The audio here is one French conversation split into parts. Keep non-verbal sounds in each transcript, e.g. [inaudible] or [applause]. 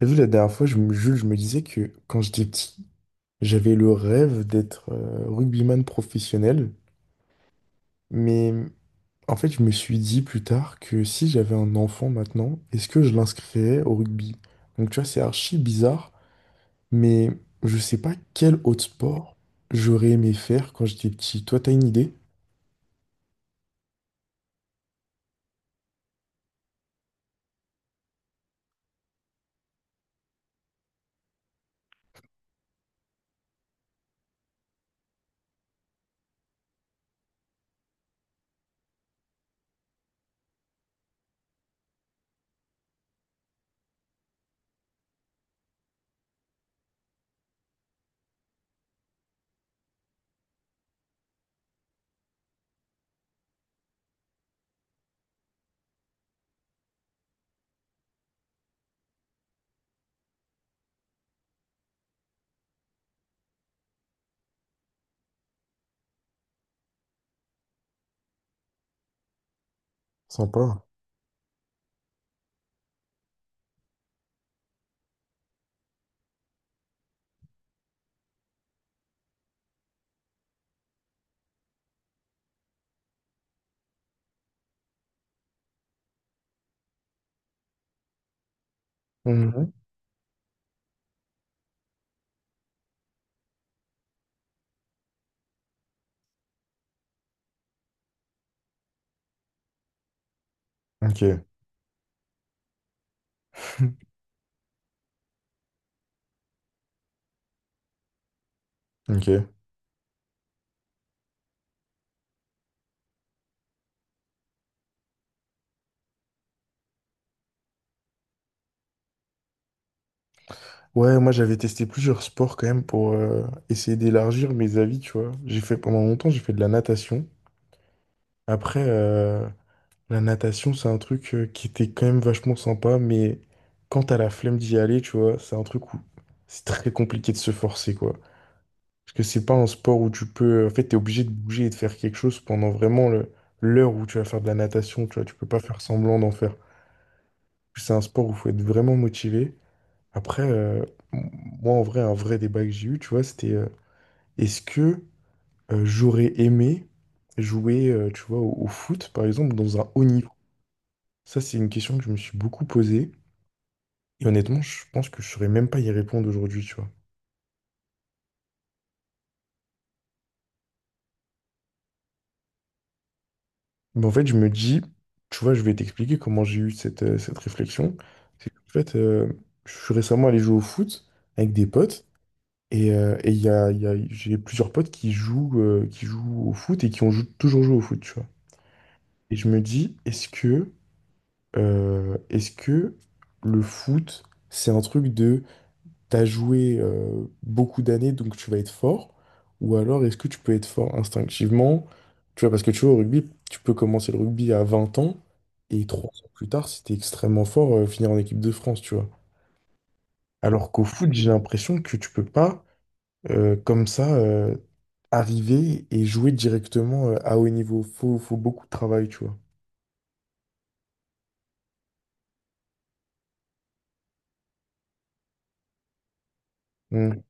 T'as vu, la dernière fois, Jules, je me disais que quand j'étais petit, j'avais le rêve d'être rugbyman professionnel. Mais en fait, je me suis dit plus tard que si j'avais un enfant maintenant, est-ce que je l'inscrirais au rugby? Donc tu vois, c'est archi bizarre, mais je sais pas quel autre sport j'aurais aimé faire quand j'étais petit. Toi, t'as une idée? Sympa. Mhm. Ok. [laughs] Ok. Ouais, moi j'avais testé plusieurs sports quand même pour essayer d'élargir mes avis, tu vois. J'ai fait de la natation. Après, la natation, c'est un truc qui était quand même vachement sympa, mais quand t'as la flemme d'y aller, tu vois, c'est un truc où c'est très compliqué de se forcer, quoi. Parce que c'est pas un sport où tu peux. En fait, t'es obligé de bouger et de faire quelque chose pendant vraiment l'heure où tu vas faire de la natation, tu vois. Tu peux pas faire semblant d'en faire. C'est un sport où il faut être vraiment motivé. Après, m- moi, en vrai, un vrai débat que j'ai eu, tu vois, c'était est-ce que j'aurais aimé jouer, tu vois, au foot, par exemple, dans un haut niveau? Ça, c'est une question que je me suis beaucoup posée. Et honnêtement, je pense que je saurais même pas y répondre aujourd'hui, tu vois. Mais en fait, je me dis, tu vois, je vais t'expliquer comment j'ai eu cette, cette réflexion. C'est qu'en fait, je suis récemment allé jouer au foot avec des potes. Et, il y a, j'ai plusieurs potes qui jouent au foot et qui ont toujours joué au foot, tu vois. Et je me dis, est-ce que le foot, c'est un truc de... t'as joué beaucoup d'années, donc tu vas être fort, ou alors est-ce que tu peux être fort instinctivement, tu vois, parce que tu vois, au rugby, tu peux commencer le rugby à 20 ans, et trois ans plus tard, si t'es extrêmement fort, finir en équipe de France, tu vois. Alors qu'au foot, j'ai l'impression que tu peux pas, comme ça, arriver et jouer directement à haut niveau. Faut beaucoup de travail, tu vois. Mm.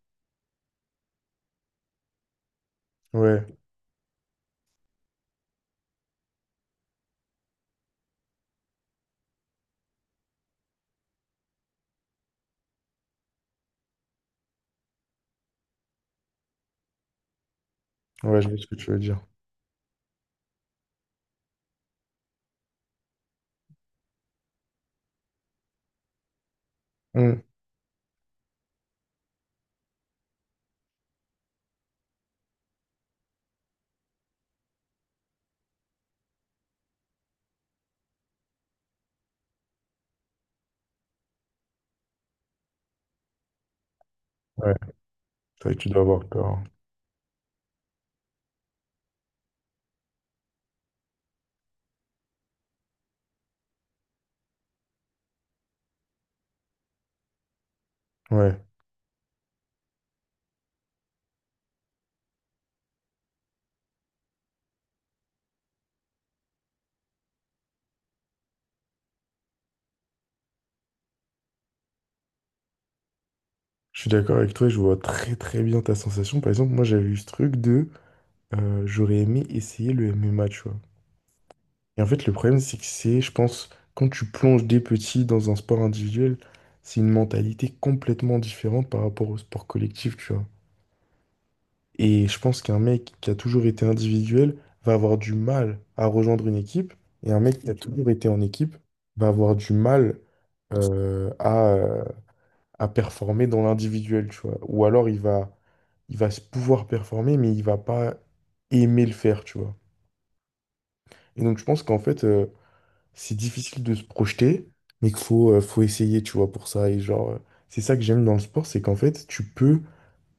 Ouais, ouais, je vois ce que tu veux dire. Mm. Ouais, c'est vrai que tu dois avoir le corps. Ouais. Je suis d'accord avec toi, je vois très très bien ta sensation. Par exemple, moi j'avais eu ce truc de j'aurais aimé essayer le MMA, tu vois. Et en fait, le problème, c'est que je pense, quand tu plonges des petits dans un sport individuel, c'est une mentalité complètement différente par rapport au sport collectif, tu vois. Et je pense qu'un mec qui a toujours été individuel va avoir du mal à rejoindre une équipe, et un mec qui a toujours été en équipe va avoir du mal euh, à, euh, à performer dans l'individuel, tu vois. Ou alors il va se pouvoir performer, mais il va pas aimer le faire, tu vois. Et donc je pense qu'en fait, c'est difficile de se projeter, mais qu'il faut, faut essayer, tu vois, pour ça. Et genre, c'est ça que j'aime dans le sport, c'est qu'en fait,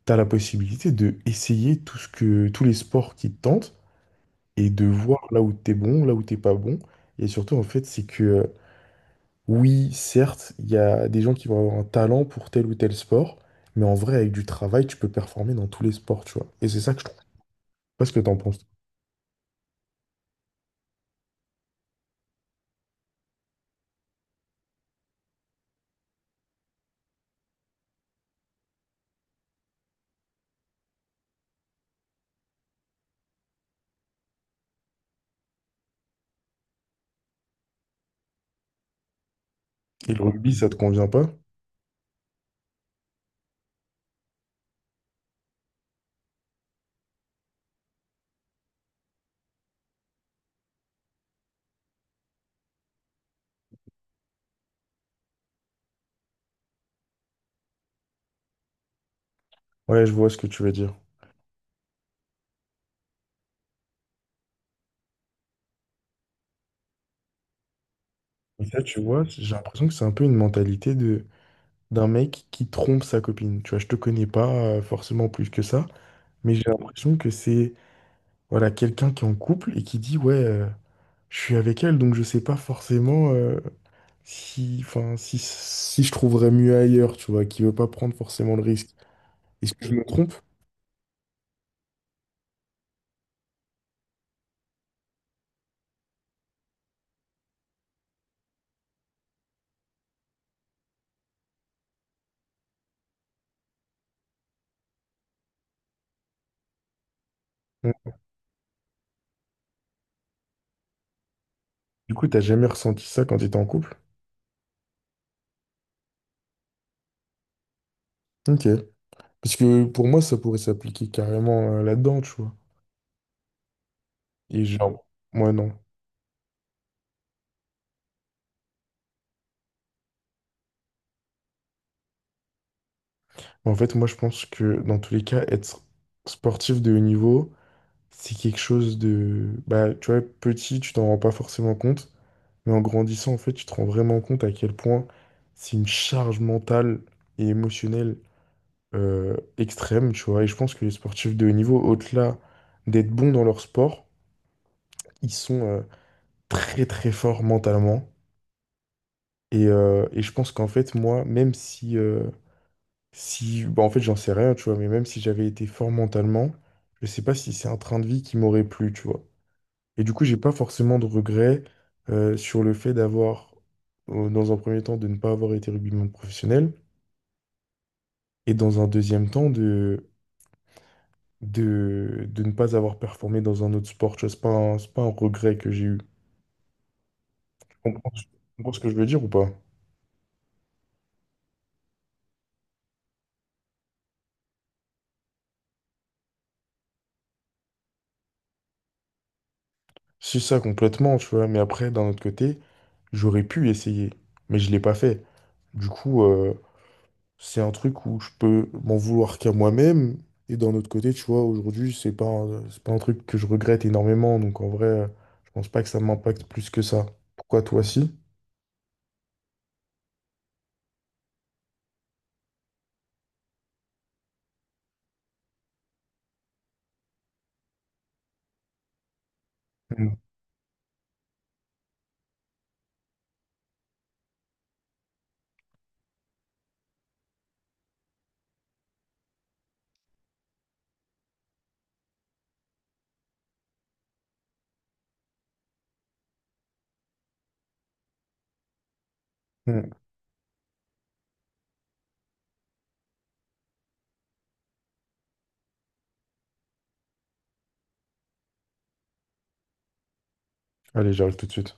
t'as la possibilité de essayer tout ce que, tous les sports qui te tentent et de voir là où t'es bon, là où t'es pas bon. Et surtout, en fait, c'est que oui, certes, il y a des gens qui vont avoir un talent pour tel ou tel sport, mais en vrai, avec du travail, tu peux performer dans tous les sports, tu vois. Et c'est ça que je trouve. Je sais pas ce que t'en penses. Et le rugby, ça te convient pas? Ouais, je vois ce que tu veux dire. Et ça, tu vois, j'ai l'impression que c'est un peu une mentalité de d'un mec qui trompe sa copine. Tu vois, je te connais pas forcément plus que ça, mais j'ai l'impression que c'est voilà quelqu'un qui est en couple et qui dit ouais, je suis avec elle, donc je sais pas forcément. Si, enfin, si je trouverais mieux ailleurs, tu vois, qui veut pas prendre forcément le risque. Est-ce que je me trompe? Du coup, t'as jamais ressenti ça quand t'étais en couple? Ok. Parce que pour moi, ça pourrait s'appliquer carrément là-dedans, tu vois. Et genre, moi, non. En fait, moi, je pense que dans tous les cas, être sportif de haut niveau, c'est quelque chose de... Bah, tu vois, petit, tu t'en rends pas forcément compte. Mais en grandissant, en fait, tu te rends vraiment compte à quel point c'est une charge mentale et émotionnelle extrême, tu vois. Et je pense que les sportifs de haut niveau, au-delà d'être bons dans leur sport, ils sont très très forts mentalement. Et je pense qu'en fait, moi, même si, si bah, en fait, j'en sais rien, tu vois, mais même si j'avais été fort mentalement, je sais pas si c'est un train de vie qui m'aurait plu, tu vois. Et du coup, j'ai pas forcément de regrets sur le fait d'avoir, dans un premier temps, de ne pas avoir été rugbyman professionnel, et dans un deuxième temps, de ne pas avoir performé dans un autre sport. Tu vois, c'est pas un regret que j'ai eu. Tu comprends ce que je veux dire ou pas? Si ça complètement, tu vois, mais après, d'un autre côté, j'aurais pu essayer, mais je l'ai pas fait. Du coup, c'est un truc où je peux m'en vouloir qu'à moi-même. Et d'un autre côté, tu vois, aujourd'hui, c'est pas un truc que je regrette énormément. Donc en vrai, je pense pas que ça m'impacte plus que ça. Pourquoi toi, si? Mm. Mm. Allez, j'arrive tout de suite.